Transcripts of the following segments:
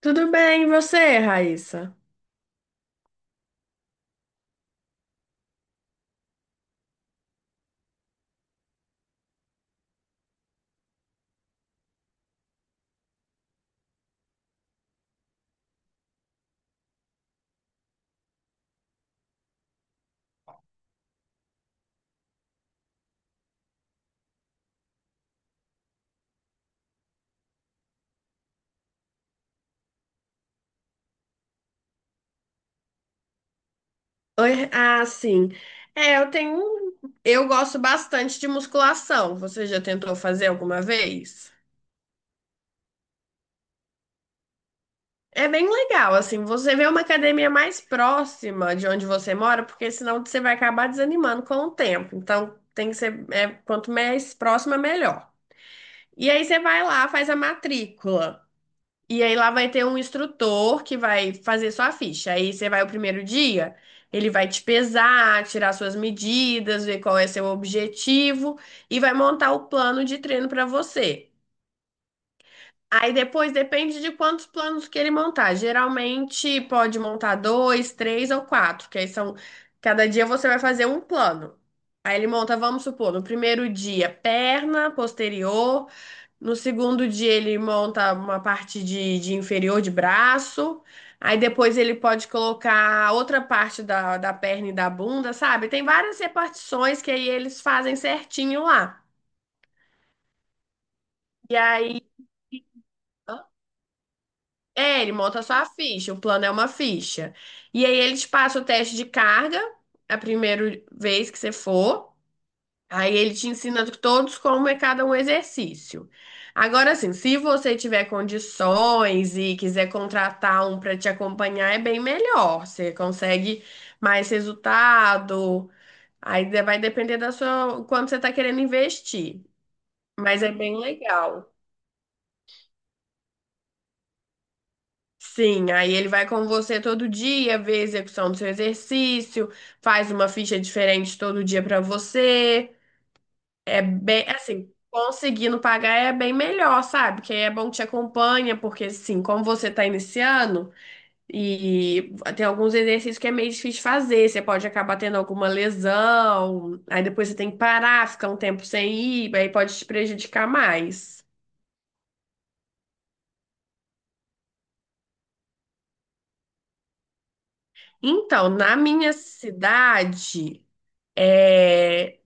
Tudo bem, e você, Raíssa? Oi, ah, sim. É, eu tenho. Eu gosto bastante de musculação. Você já tentou fazer alguma vez? É bem legal, assim, você vê uma academia mais próxima de onde você mora, porque senão você vai acabar desanimando com o tempo. Então, tem que ser, é, quanto mais próxima, melhor. E aí você vai lá, faz a matrícula. E aí lá vai ter um instrutor que vai fazer sua ficha. Aí você vai o primeiro dia, ele vai te pesar, tirar suas medidas, ver qual é seu objetivo e vai montar o plano de treino para você. Aí depois depende de quantos planos que ele montar. Geralmente pode montar dois, três ou quatro, que aí são. Cada dia você vai fazer um plano. Aí ele monta, vamos supor, no primeiro dia, perna posterior. No segundo dia, ele monta uma parte de inferior de braço. Aí depois ele pode colocar outra parte da perna e da bunda, sabe? Tem várias repartições que aí eles fazem certinho lá. E aí. É, ele monta só a ficha, o plano é uma ficha. E aí ele te passa o teste de carga a primeira vez que você for. Aí ele te ensina todos como é cada um exercício. Agora, assim, se você tiver condições e quiser contratar um para te acompanhar, é bem melhor. Você consegue mais resultado. Aí vai depender da sua, quanto você está querendo investir. Mas é bem legal. Sim, aí ele vai com você todo dia, vê a execução do seu exercício, faz uma ficha diferente todo dia pra você. É bem, assim, conseguindo pagar é bem melhor, sabe? Que aí é bom que te acompanha, porque assim, como você tá iniciando e tem alguns exercícios que é meio difícil de fazer, você pode acabar tendo alguma lesão, aí depois você tem que parar, ficar um tempo sem ir, aí pode te prejudicar mais. Então, na minha cidade, é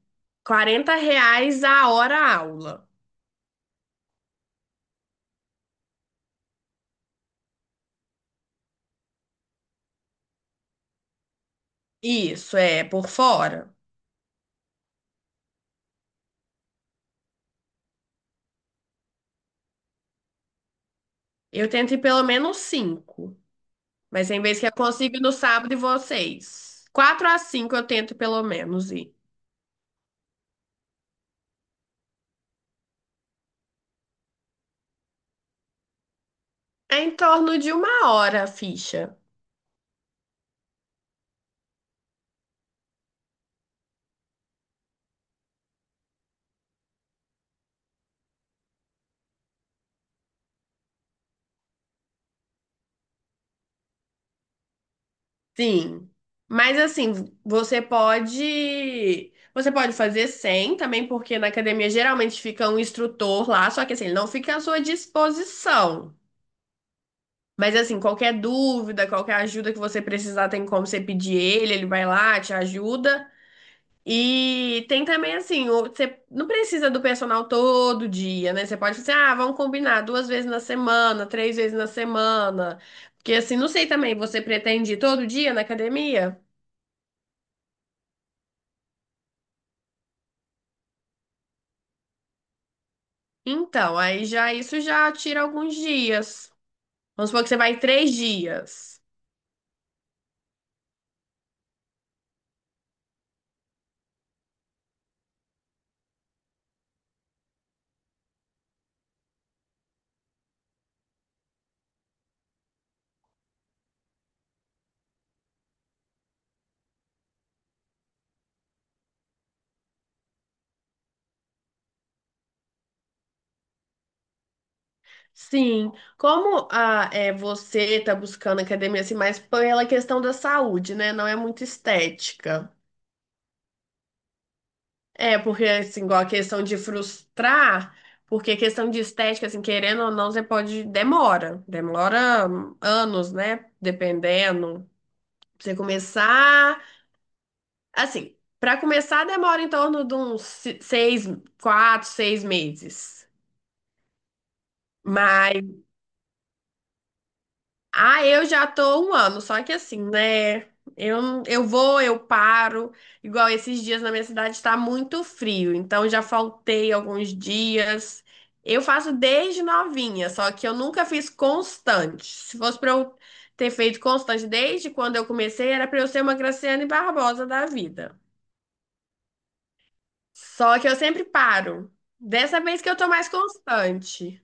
R$ 40 a hora aula. Isso, é, por fora. Eu tento ir pelo menos cinco. Mas tem vezes que eu consigo ir no sábado e vocês. Quatro a cinco eu tento pelo menos ir. É em torno de uma hora a ficha. Sim. Mas assim, você pode. Você pode fazer sem também, porque na academia geralmente fica um instrutor lá, só que assim, ele não fica à sua disposição. Mas assim, qualquer dúvida, qualquer ajuda que você precisar, tem como você pedir ele, ele vai lá, te ajuda. E tem também assim, você não precisa do personal todo dia, né? Você pode fazer, ah, vamos combinar duas vezes na semana, três vezes na semana. Porque assim, não sei também, você pretende ir todo dia na academia? Então, aí já isso já tira alguns dias. Vamos supor que você vai três dias. Sim, como a, é, você está buscando academia assim, mais pela questão da saúde, né? Não é muito estética. É, porque assim, igual a questão de frustrar, porque a questão de estética, assim, querendo ou não, você pode, demora, demora, anos, né? Dependendo. Pra você começar, assim, para começar demora em torno de uns seis, quatro, 6 meses. Mas ah, eu já tô um ano, só que assim, né? Eu, eu vou, eu paro. Igual esses dias na minha cidade está muito frio, então já faltei alguns dias. Eu faço desde novinha, só que eu nunca fiz constante. Se fosse pra eu ter feito constante desde quando eu comecei, era pra eu ser uma Graciane Barbosa da vida. Só que eu sempre paro. Dessa vez que eu tô mais constante.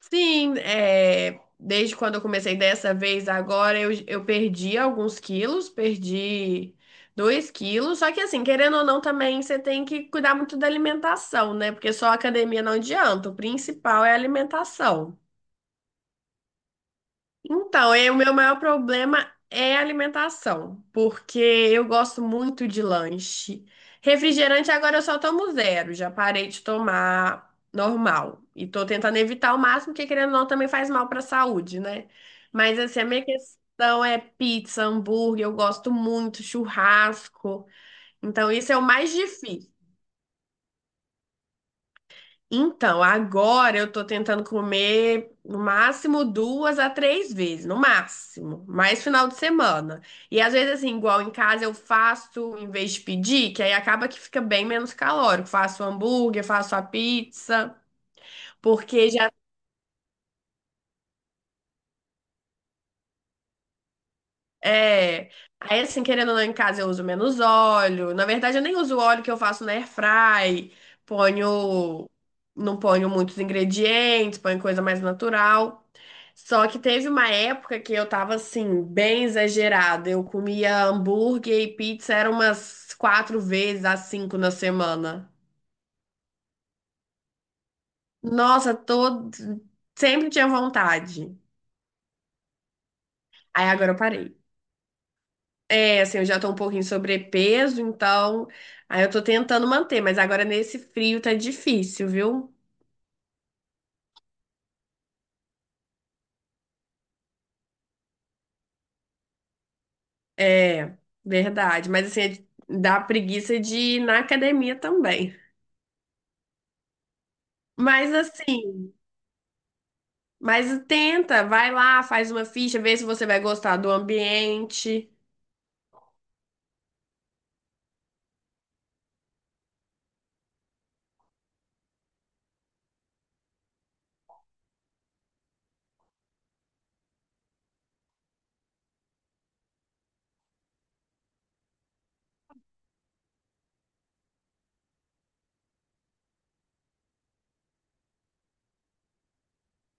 Sim, é, desde quando eu comecei dessa vez, agora eu perdi alguns quilos, perdi 2 quilos. Só que assim, querendo ou não, também você tem que cuidar muito da alimentação, né? Porque só a academia não adianta, o principal é a alimentação. Então, é, o meu maior problema é a alimentação, porque eu gosto muito de lanche. Refrigerante agora eu só tomo zero, já parei de tomar normal. E tô tentando evitar o máximo, porque querendo ou não também faz mal para a saúde, né? Mas assim, a minha questão é pizza, hambúrguer, eu gosto muito, churrasco. Então, isso é o mais difícil. Então, agora eu tô tentando comer no máximo duas a três vezes, no máximo, mais final de semana. E às vezes, assim, igual em casa eu faço em vez de pedir, que aí acaba que fica bem menos calórico. Faço hambúrguer, faço a pizza, porque já é. Aí, assim, querendo ou não, em casa eu uso menos óleo. Na verdade, eu nem uso o óleo que eu faço na airfry. Ponho. Não ponho muitos ingredientes, ponho coisa mais natural. Só que teve uma época que eu tava, assim, bem exagerada. Eu comia hambúrguer e pizza, era umas quatro vezes a cinco na semana. Nossa, sempre tinha vontade. Aí agora eu parei. É, assim, eu já tô um pouquinho sobrepeso, então aí eu tô tentando manter, mas agora nesse frio tá difícil, viu? É, verdade. Mas assim, dá preguiça de ir na academia também. Mas assim, mas tenta, vai lá, faz uma ficha, vê se você vai gostar do ambiente.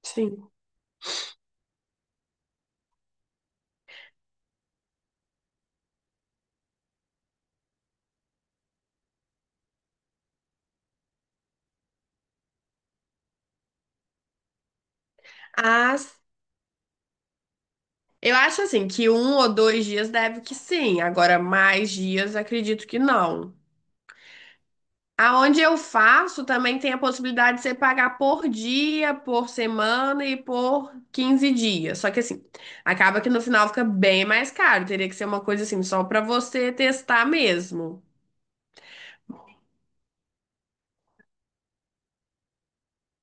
Sim. As, eu acho assim que um ou dois dias deve que sim, agora mais dias acredito que não. Aonde eu faço também tem a possibilidade de você pagar por dia, por semana e por 15 dias. Só que assim, acaba que no final fica bem mais caro. Teria que ser uma coisa assim, só para você testar mesmo.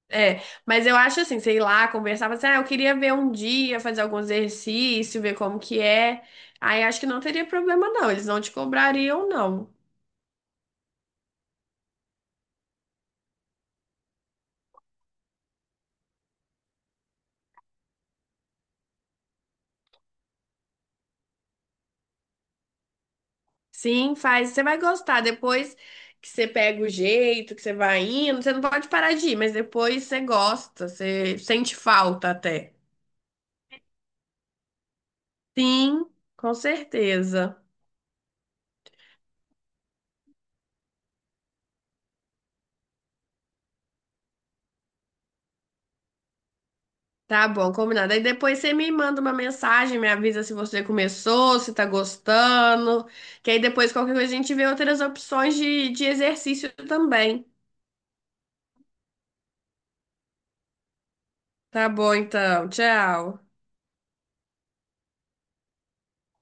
É, mas eu acho assim, sei lá, conversar, falar assim, ah, eu queria ver um dia, fazer algum exercício, ver como que é. Aí acho que não teria problema não, eles não te cobrariam não. Sim, faz. Você vai gostar. Depois que você pega o jeito, que você vai indo, você não pode parar de ir, mas depois você gosta, você sente falta até. Sim, com certeza. Tá bom, combinado. Aí depois você me manda uma mensagem, me avisa se você começou, se tá gostando. Que aí depois qualquer coisa a gente vê outras opções de exercício também. Tá bom, então. Tchau.